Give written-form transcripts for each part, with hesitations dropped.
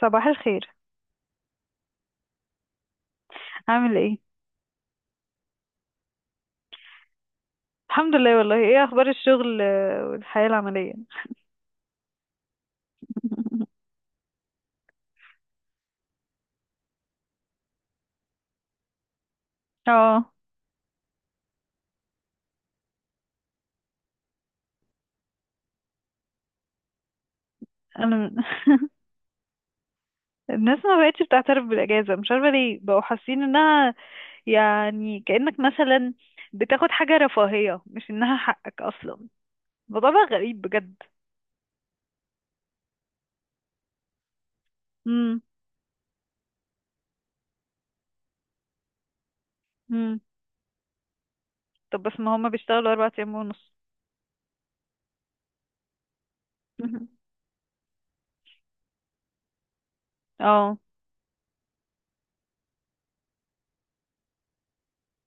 صباح الخير. عامل ايه؟ الحمد لله، والله ايه اخبار الشغل، والحياة العملية. اه، انا الناس ما بقتش بتعترف بالاجازة، مش عارفة ليه بقوا حاسين انها يعني كأنك مثلا بتاخد حاجة رفاهية، مش انها حقك اصلا. الموضوع بقى غريب بجد. امم امم طب بس ما هما بيشتغلوا اربع ايام ونص. اه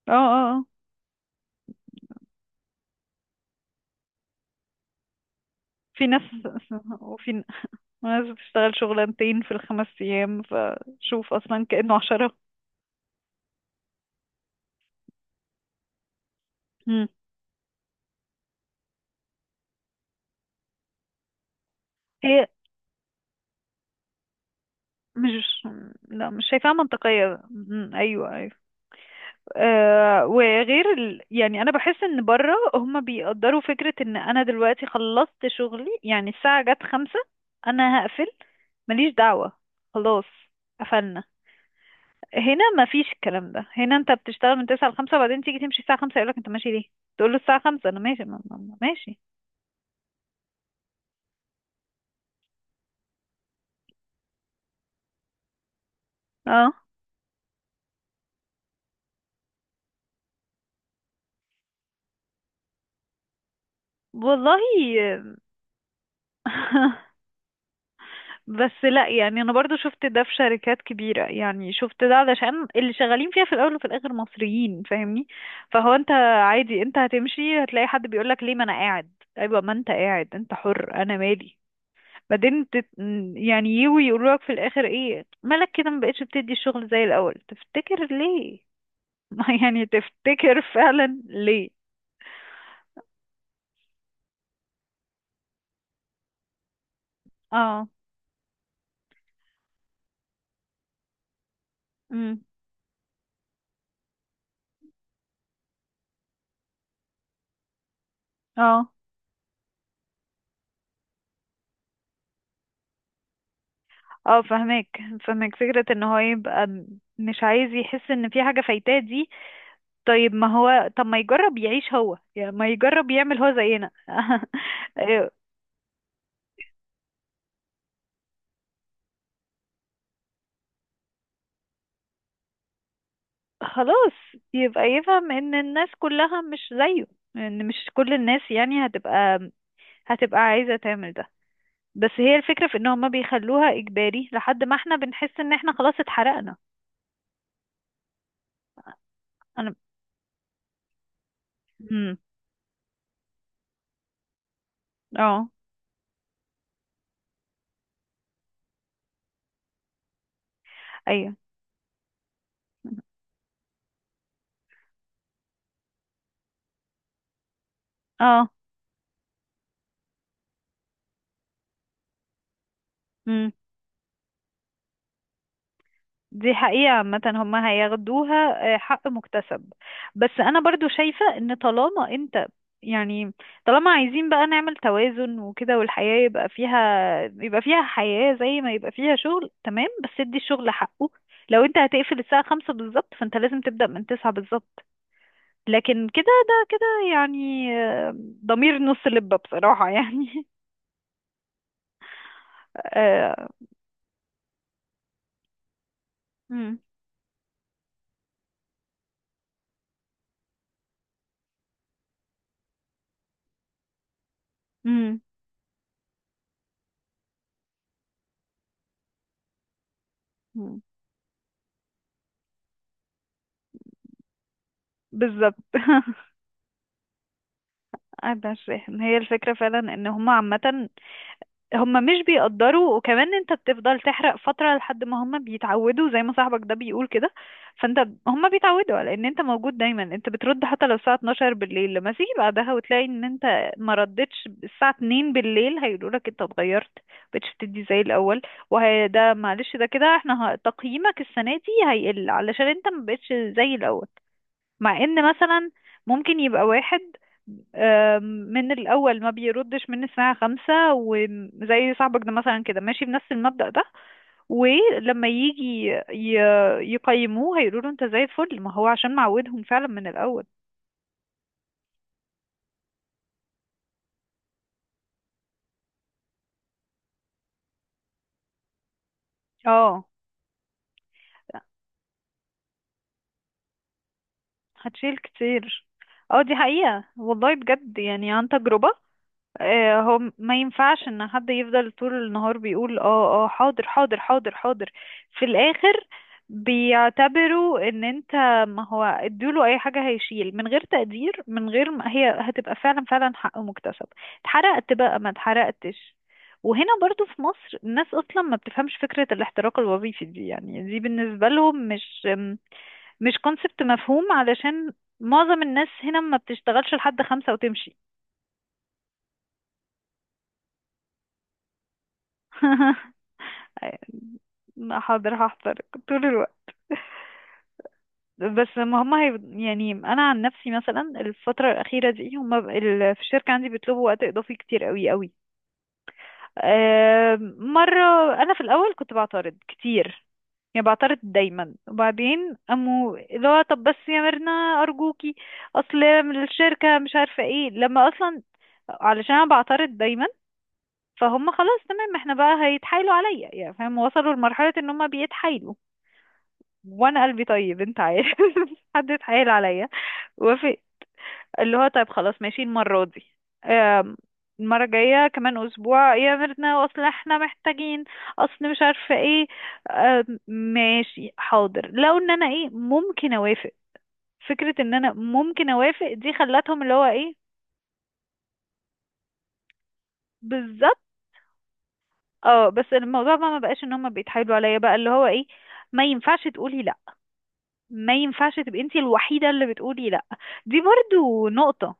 اه آه. في ناس. وفي ناس بتشتغل شغلانتين في الخمس ايام، فشوف اصلا كأنه عشرة. مم. هي مش، لا، مش شايفاها منطقية. أيوة أيوة. آه، وغير يعني أنا بحس إن بره هما بيقدروا فكرة إن أنا دلوقتي خلصت شغلي، يعني الساعة جت خمسة، أنا هقفل، ماليش دعوة، خلاص قفلنا. هنا مفيش الكلام ده. هنا أنت بتشتغل من تسعة لخمسة، وبعدين تيجي تمشي الساعة خمسة يقولك أنت ماشي ليه؟ تقول له الساعة خمسة أنا ماشي. ماشي. اه، والله. بس لا، يعني انا برضو شفت ده في شركات كبيرة، يعني شفت ده علشان اللي شغالين فيها في الاول وفي الاخر مصريين، فاهمني؟ فهو عادي، انت هتمشي هتلاقي حد بيقولك ليه، ما انا قاعد. ايوه ما انت قاعد، انت حر، انا مالي. بعدين يعني يجوا يقولوا لك في الاخر ايه مالك كده، ما بقتش بتدي الشغل زي الاول، تفتكر ليه؟ يعني تفتكر فعلا ليه. اه. امم اه اه، فهمك فهمك. فكرة ان هو يبقى مش عايز يحس ان في حاجة فايتاه دي. طيب ما هو، طب ما يجرب يعيش هو، يعني ما يجرب يعمل هو زينا. إيه، خلاص يبقى يفهم ان الناس كلها مش زيه، ان مش كل الناس يعني هتبقى، هتبقى عايزة تعمل ده. بس هي الفكرة في ان هما بيخلوها اجباري لحد ما احنا بنحس ان احنا خلاص اتحرقنا. انا. امم اه، ايوه اه، دي حقيقة عامة هم هياخدوها. حق مكتسب. بس أنا برضو شايفة إن طالما أنت، يعني طالما عايزين بقى نعمل توازن وكده، والحياة يبقى فيها، يبقى فيها حياة زي ما يبقى فيها شغل، تمام. بس ادي الشغل حقه. لو أنت هتقفل الساعة خمسة بالظبط، فأنت لازم تبدأ من تسعة بالظبط. لكن كده، ده كده يعني، ضمير نص لبة بصراحة يعني. آه، مم، مم، مم. بالظبط. قاعدة مش فاهم. هي الفكرة فعلا ان هما عامة، هما مش بيقدروا. وكمان انت بتفضل تحرق فترة لحد ما هما بيتعودوا، زي ما صاحبك ده بيقول كده. فانت، هما بيتعودوا على ان انت موجود دايما، انت بترد حتى لو الساعة 12 بالليل، لما تيجي بعدها وتلاقي ان انت ما ردتش الساعة 2 بالليل، هيقولوا لك انت اتغيرت، مبقتش بتدي زي الاول. وده معلش ده كده، احنا تقييمك السنة دي هيقل علشان انت مبقتش زي الاول. مع ان مثلا ممكن يبقى واحد من الأول ما بيردش من الساعة خمسة، وزي صاحبك ده مثلا كده ماشي بنفس المبدأ ده. ولما يجي يقيموه هيقولوا له انت زي الفل، ما هو عشان معودهم فعلا من الأول. اه، هتشيل كتير. اه دي حقيقة والله، بجد يعني عن تجربة. هو ما ينفعش ان حد يفضل طول النهار بيقول اه اه حاضر حاضر حاضر حاضر. في الاخر بيعتبروا ان انت، ما هو اديله اي حاجة هيشيل من غير تقدير، من غير ما هي هتبقى فعلا فعلا حق مكتسب. اتحرقت بقى ما اتحرقتش. وهنا برضو في مصر الناس اصلا ما بتفهمش فكرة الاحتراق الوظيفي دي، يعني دي بالنسبة لهم مش، مش كونسبت مفهوم. علشان معظم الناس هنا ما بتشتغلش لحد خمسة وتمشي. ما حاضر هحضر طول الوقت. بس ما هم هي، يعني انا عن نفسي مثلا الفتره الاخيره دي هم في الشركه عندي بيطلبوا وقت اضافي كتير قوي قوي. مره انا في الاول كنت بعترض كتير، يعني بعترض دايما. وبعدين امو اللي هو طب بس يا ميرنا ارجوكي، اصل من الشركه مش عارفه ايه، لما اصلا علشان انا بعترض دايما، فهم خلاص تمام، احنا بقى هيتحايلوا عليا، يعني فاهم؟ وصلوا لمرحله ان هم بيتحايلوا وانا قلبي طيب، انت عارف. حد اتحايل عليا وافق، اللي هو طيب خلاص ماشي المرة دي. آم، المرة الجاية كمان أسبوع يا ميرنا، أصل احنا محتاجين، أصل مش عارفة ايه. ماشي حاضر، لو ان أنا ايه ممكن أوافق. فكرة ان أنا ممكن أوافق دي خلتهم اللي هو ايه، بالظبط. اه، بس الموضوع بقى ما بقاش ان هما بيتحايلوا عليا، بقى اللي هو ايه، ما ينفعش تقولي لا، ما ينفعش تبقي انتي الوحيدة اللي بتقولي لا. دي برضو نقطة.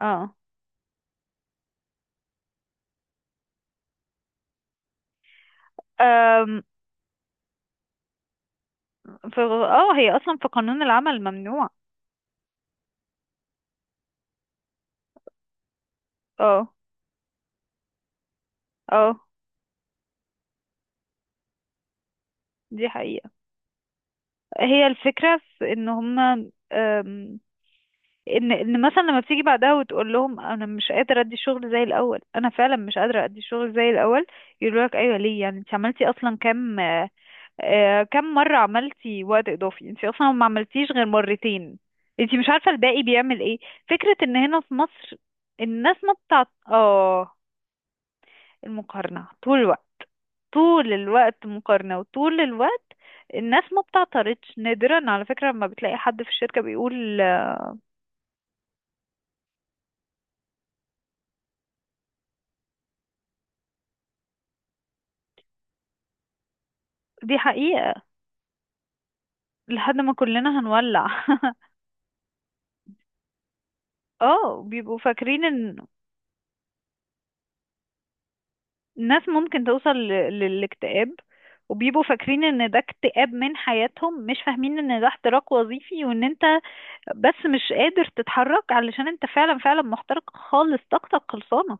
اه. أم، في اه، هي اصلا في قانون العمل ممنوع. اه، اه، دي حقيقة. هي الفكرة في ان هما أم، ان ان مثلا لما بتيجي بعدها وتقول لهم انا مش قادرة ادي الشغل زي الاول، انا فعلا مش قادرة ادي الشغل زي الاول، يقولوا لك ايوه ليه، يعني انت عملتي اصلا كام؟ كام مرة عملتي وقت اضافي؟ انت اصلا ما عملتيش غير مرتين. انت مش عارفة الباقي بيعمل ايه. فكرة ان هنا في مصر، الناس ما بتاعت اه، المقارنة طول الوقت، طول الوقت مقارنة، وطول الوقت الناس ما بتعترضش. نادرا على فكرة ما بتلاقي حد في الشركة بيقول. دي حقيقة. لحد ما كلنا هنولع. اه، بيبقوا فاكرين ان الناس ممكن توصل للاكتئاب، وبيبقوا فاكرين ان ده اكتئاب من حياتهم، مش فاهمين ان ده احتراق وظيفي، وان انت بس مش قادر تتحرك علشان انت فعلا فعلا محترق خالص، طاقتك خلصانة.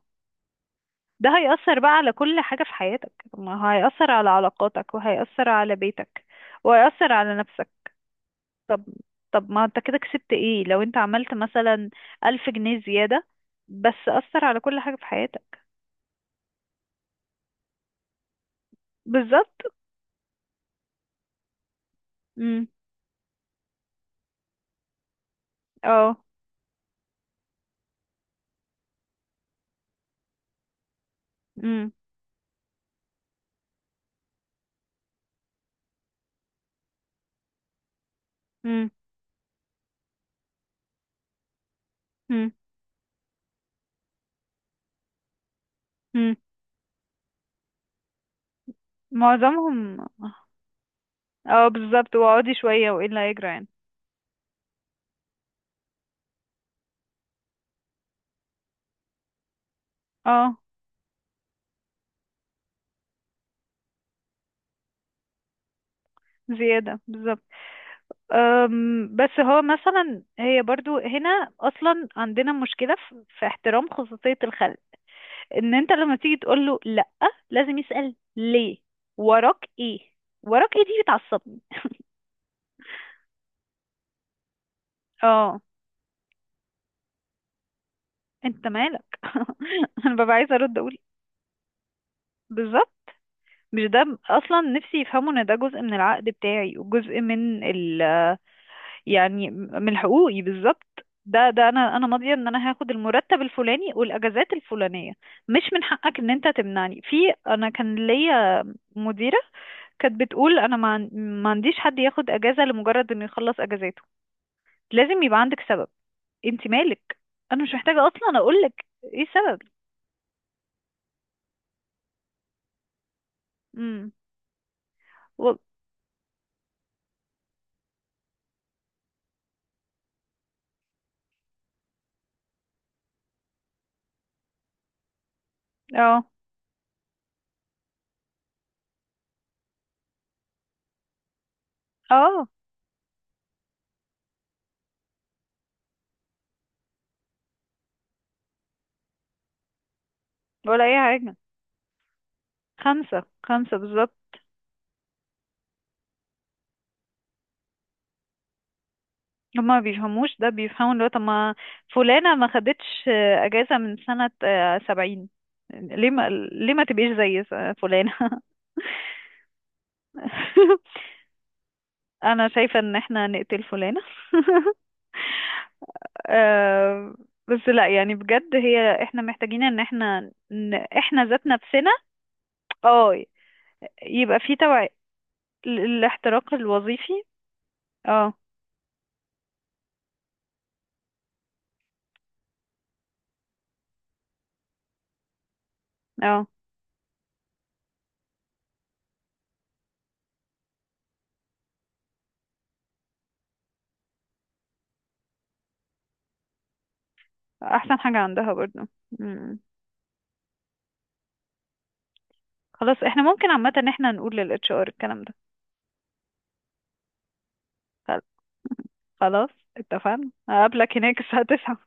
ده هيأثر بقى على كل حاجة في حياتك. ما هيأثر على علاقاتك، وهيأثر على بيتك، وهيأثر على نفسك. طب، طب ما انت كده كسبت ايه لو انت عملت مثلا ألف جنيه زيادة، بس أثر على كل حاجة في حياتك. بالظبط. امم اه. امم امم امم امم معظمهم. اه بالظبط، واقعدي شوية وايه اللي هيجرى يعني. اه، زيادة بالظبط. بس هو مثلا هي برضو هنا اصلا عندنا مشكله في في احترام خصوصيه الخلق. ان انت لما تيجي تقول له لا، لازم يسال ليه، وراك ايه. وراك ايه دي بتعصبني. اه، انت مالك. انا ببقى عايزه ارد اقول بالظبط، مش ده اصلا نفسي يفهموا ان ده جزء من العقد بتاعي، وجزء من ال، يعني من حقوقي بالظبط. ده ده انا انا ماضيه ان انا هاخد المرتب الفلاني والاجازات الفلانيه. مش من حقك ان انت تمنعني في. انا كان ليا مديره كانت بتقول انا ما عنديش حد ياخد اجازه لمجرد انه يخلص اجازاته، لازم يبقى عندك سبب. انت مالك، انا مش محتاجه اصلا اقول لك ايه السبب. امم و... اه. اه، ولا اي حاجه. خمسه خمسه بالظبط. هما ما بيفهموش ده، بيفهموا اللي هو طب ما فلانة ما خدتش أجازة من سنة سبعين، ليه ما، ليه ما تبقيش زي فلانة. أنا شايفة إن احنا نقتل فلانة. آه، بس لا يعني بجد، هي احنا محتاجين ان احنا، إن احنا ذات نفسنا. اه، يبقى في توعية. الاحتراق الوظيفي. اه. اه، احسن حاجة عندها برضو. مم. خلاص احنا ممكن عامة ان احنا نقول للاتش ار الكلام ده. خلاص اتفقنا، هقابلك هناك الساعة 9.